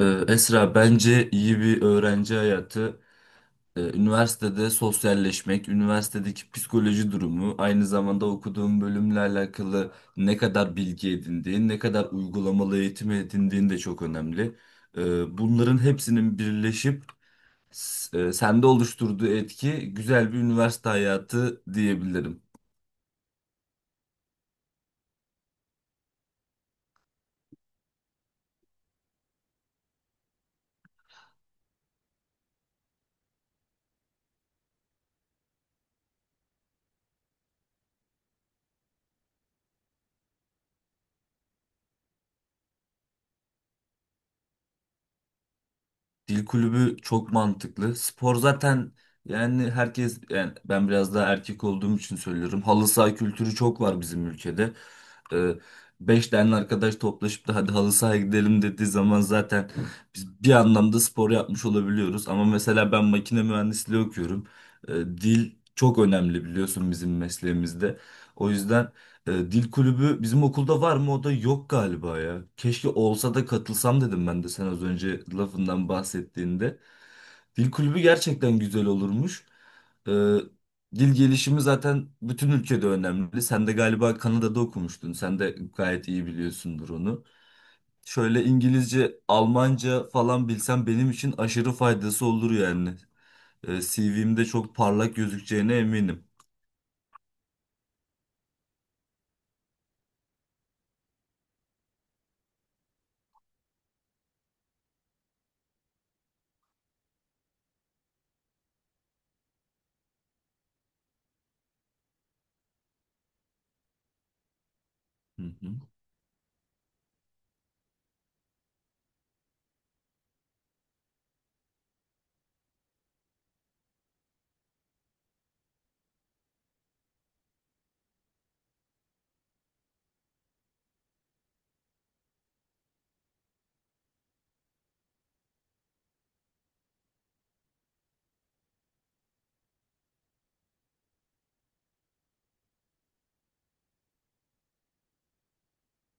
Esra bence iyi bir öğrenci hayatı, üniversitede sosyalleşmek, üniversitedeki psikoloji durumu, aynı zamanda okuduğun bölümle alakalı ne kadar bilgi edindiğin, ne kadar uygulamalı eğitim edindiğin de çok önemli. Bunların hepsinin birleşip sende oluşturduğu etki güzel bir üniversite hayatı diyebilirim. Dil kulübü çok mantıklı. Spor zaten yani herkes yani ben biraz daha erkek olduğum için söylüyorum. Halı saha kültürü çok var bizim ülkede. Ee, Beş tane arkadaş toplaşıp da hadi halı sahaya gidelim dediği zaman zaten biz bir anlamda spor yapmış olabiliyoruz. Ama mesela ben makine mühendisliği okuyorum. Dil çok önemli biliyorsun bizim mesleğimizde. O yüzden dil kulübü bizim okulda var mı? O da yok galiba ya. Keşke olsa da katılsam dedim ben de sen az önce lafından bahsettiğinde. Dil kulübü gerçekten güzel olurmuş. E, Dil gelişimi zaten bütün ülkede önemli. Sen de galiba Kanada'da okumuştun. Sen de gayet iyi biliyorsundur onu. Şöyle İngilizce, Almanca falan bilsem benim için aşırı faydası olur yani. CV'mde çok parlak gözükeceğine eminim. Hı hı.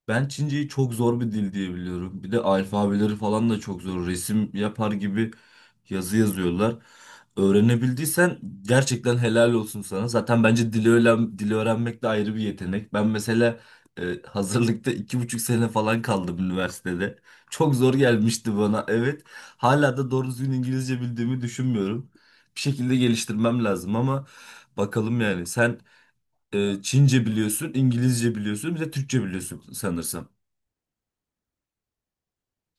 Ben Çince'yi çok zor bir dil diye biliyorum. Bir de alfabeleri falan da çok zor. Resim yapar gibi yazı yazıyorlar. Öğrenebildiysen gerçekten helal olsun sana. Zaten bence dili öğren, dili öğrenmek de ayrı bir yetenek. Ben mesela hazırlıkta 2,5 sene falan kaldım üniversitede. Çok zor gelmişti bana. Evet. Hala da doğru düzgün İngilizce bildiğimi düşünmüyorum. Bir şekilde geliştirmem lazım ama bakalım yani. Sen Çince biliyorsun, İngilizce biliyorsun, bir de Türkçe biliyorsun sanırsam.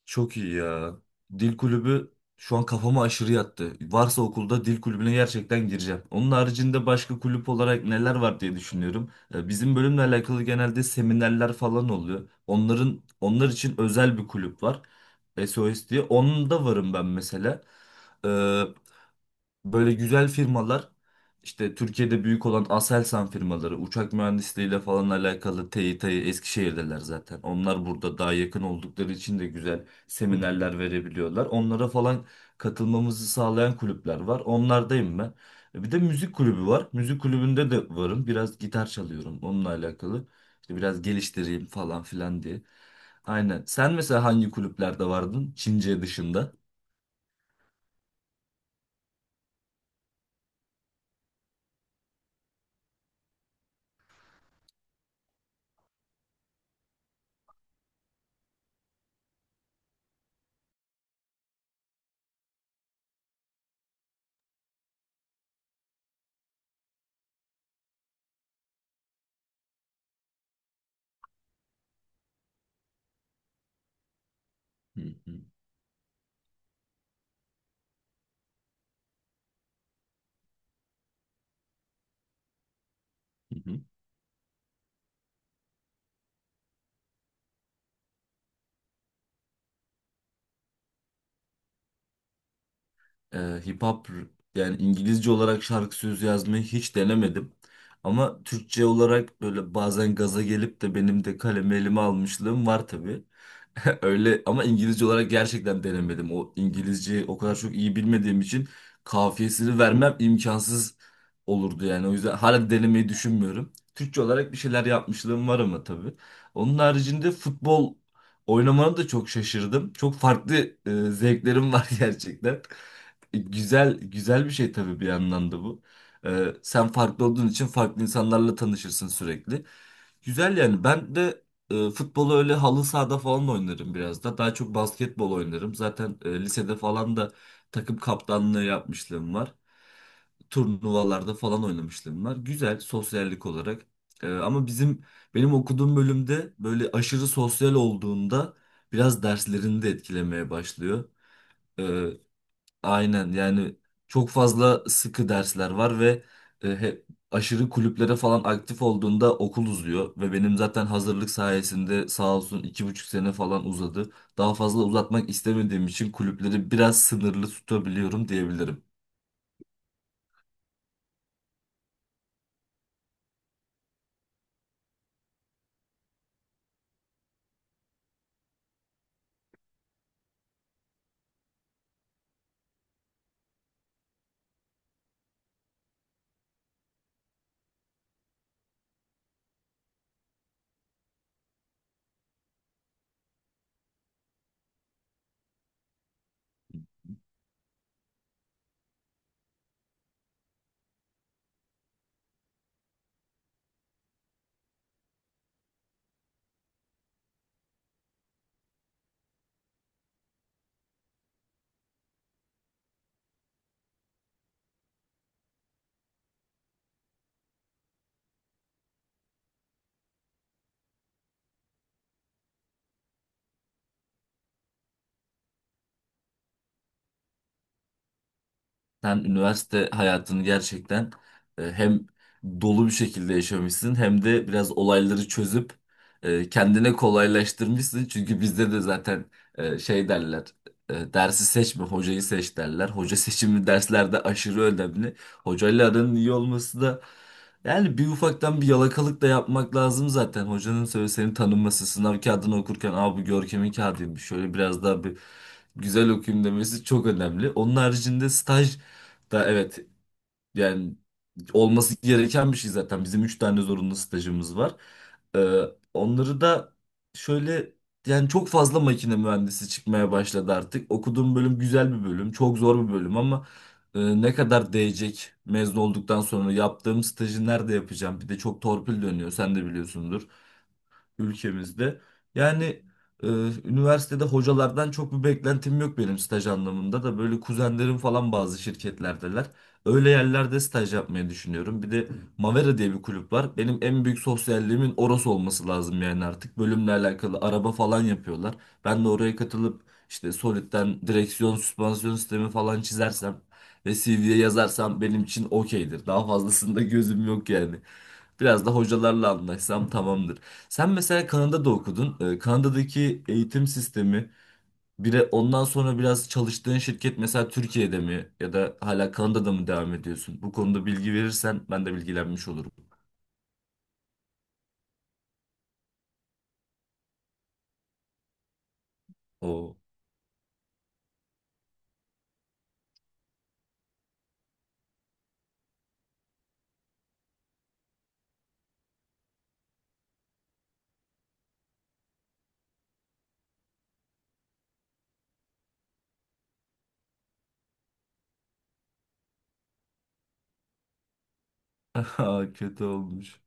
Çok iyi ya. Dil kulübü şu an kafama aşırı yattı. Varsa okulda dil kulübüne gerçekten gireceğim. Onun haricinde başka kulüp olarak neler var diye düşünüyorum. Bizim bölümle alakalı genelde seminerler falan oluyor. Onların onlar için özel bir kulüp var. SOS diye. Onun da varım ben mesela. Ee, Böyle güzel firmalar işte Türkiye'de büyük olan Aselsan firmaları uçak mühendisliğiyle falan alakalı TİTA'yı Eskişehir'deler zaten. Onlar burada daha yakın oldukları için de güzel seminerler verebiliyorlar. Onlara falan katılmamızı sağlayan kulüpler var. Onlardayım ben. Bir de müzik kulübü var. Müzik kulübünde de varım. Biraz gitar çalıyorum onunla alakalı. İşte biraz geliştireyim falan filan diye. Aynen. Sen mesela hangi kulüplerde vardın? Çince dışında. Hı hı. e, Hip hop yani İngilizce olarak şarkı sözü yazmayı hiç denemedim. Ama Türkçe olarak böyle bazen gaza gelip de benim de kalemi elime almışlığım var tabii. Öyle ama İngilizce olarak gerçekten denemedim. O İngilizceyi o kadar çok iyi bilmediğim için kafiyesini vermem imkansız olurdu yani. O yüzden hala denemeyi düşünmüyorum. Türkçe olarak bir şeyler yapmışlığım var ama tabii. Onun haricinde futbol oynamana da çok şaşırdım. Çok farklı zevklerim var gerçekten. Güzel güzel bir şey tabii bir yandan da bu. Sen farklı olduğun için farklı insanlarla tanışırsın sürekli. Güzel yani ben de futbolu öyle halı sahada falan da oynarım biraz da. Daha çok basketbol oynarım. Zaten lisede falan da takım kaptanlığı yapmışlığım var. Turnuvalarda falan oynamışlığım var. Güzel sosyallik olarak. Ama benim okuduğum bölümde böyle aşırı sosyal olduğunda biraz derslerini de etkilemeye başlıyor. E, Aynen yani çok fazla sıkı dersler var ve e, he- aşırı kulüplere falan aktif olduğunda okul uzuyor ve benim zaten hazırlık sayesinde sağ olsun 2,5 sene falan uzadı. Daha fazla uzatmak istemediğim için kulüpleri biraz sınırlı tutabiliyorum diyebilirim. Sen üniversite hayatını gerçekten hem dolu bir şekilde yaşamışsın hem de biraz olayları çözüp kendine kolaylaştırmışsın. Çünkü bizde de zaten şey derler, dersi seçme, hocayı seç derler. Hoca seçimi derslerde aşırı önemli. Hocayla aranın iyi olması da yani bir ufaktan bir yalakalık da yapmak lazım zaten. Hocanın söyle seni tanınması, sınav kağıdını okurken aa, bu Görkem'in kağıdıymış. Şöyle biraz daha bir güzel okuyayım demesi çok önemli. Onun haricinde staj da evet yani olması gereken bir şey zaten. Bizim üç tane zorunlu stajımız var. Ee, Onları da şöyle yani çok fazla makine mühendisi çıkmaya başladı artık. Okuduğum bölüm güzel bir bölüm, çok zor bir bölüm ama ne kadar değecek mezun olduktan sonra yaptığım stajı nerede yapacağım? Bir de çok torpil dönüyor, sen de biliyorsundur ülkemizde. Yani e, üniversitede hocalardan çok bir beklentim yok benim staj anlamında da böyle kuzenlerim falan bazı şirketlerdeler. Öyle yerlerde staj yapmayı düşünüyorum. Bir de Mavera diye bir kulüp var. Benim en büyük sosyalliğimin orası olması lazım yani artık. Bölümle alakalı araba falan yapıyorlar. Ben de oraya katılıp işte Solid'den direksiyon, süspansiyon sistemi falan çizersem ve CV'ye yazarsam benim için okeydir. Daha fazlasında gözüm yok yani. Biraz da hocalarla anlaşsam tamamdır. Sen mesela Kanada'da okudun. Kanada'daki eğitim sistemi bir de ondan sonra biraz çalıştığın şirket mesela Türkiye'de mi ya da hala Kanada'da mı devam ediyorsun? Bu konuda bilgi verirsen ben de bilgilenmiş olurum. Oo. Kötü olmuş.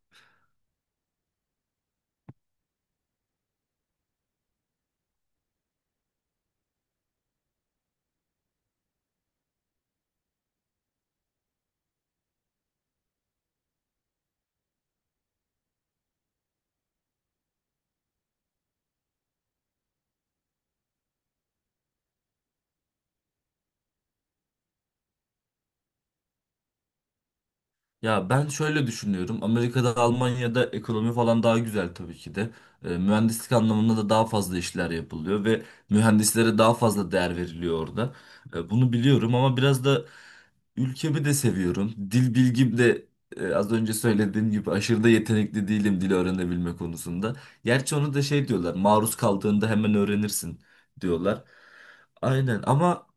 Ya ben şöyle düşünüyorum. Amerika'da, Almanya'da ekonomi falan daha güzel tabii ki de. Mühendislik anlamında da daha fazla işler yapılıyor ve mühendislere daha fazla değer veriliyor orada. Bunu biliyorum ama biraz da ülkemi de seviyorum. Dil bilgim de az önce söylediğim gibi aşırı da yetenekli değilim dil öğrenebilme konusunda. Gerçi onu da şey diyorlar, maruz kaldığında hemen öğrenirsin diyorlar. Aynen ama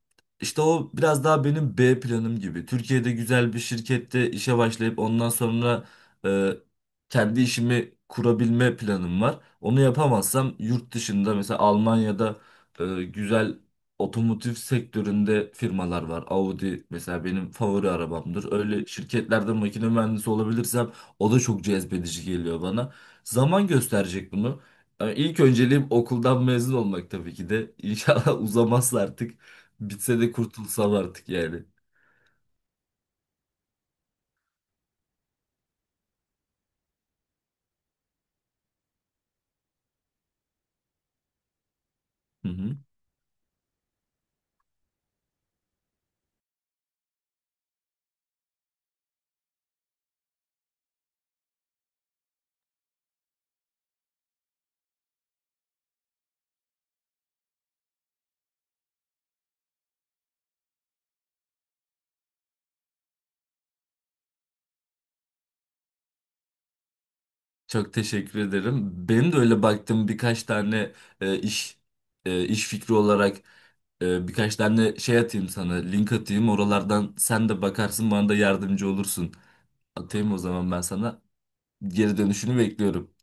işte o biraz daha benim B planım gibi. Türkiye'de güzel bir şirkette işe başlayıp ondan sonra e, kendi işimi kurabilme planım var. Onu yapamazsam yurt dışında mesela Almanya'da güzel otomotiv sektöründe firmalar var. Audi mesela benim favori arabamdır. Öyle şirketlerde makine mühendisi olabilirsem o da çok cezbedici geliyor bana. Zaman gösterecek bunu. Yani İlk önceliğim okuldan mezun olmak tabii ki de. İnşallah uzamazsa artık. Bitse de kurtulsam artık yani. Hı hı. Çok teşekkür ederim. Benim de öyle baktığım birkaç tane e, iş iş fikri olarak birkaç tane şey atayım sana, link atayım. Oralardan sen de bakarsın, bana da yardımcı olursun. Atayım o zaman ben sana. Geri dönüşünü bekliyorum.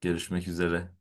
Görüşmek üzere.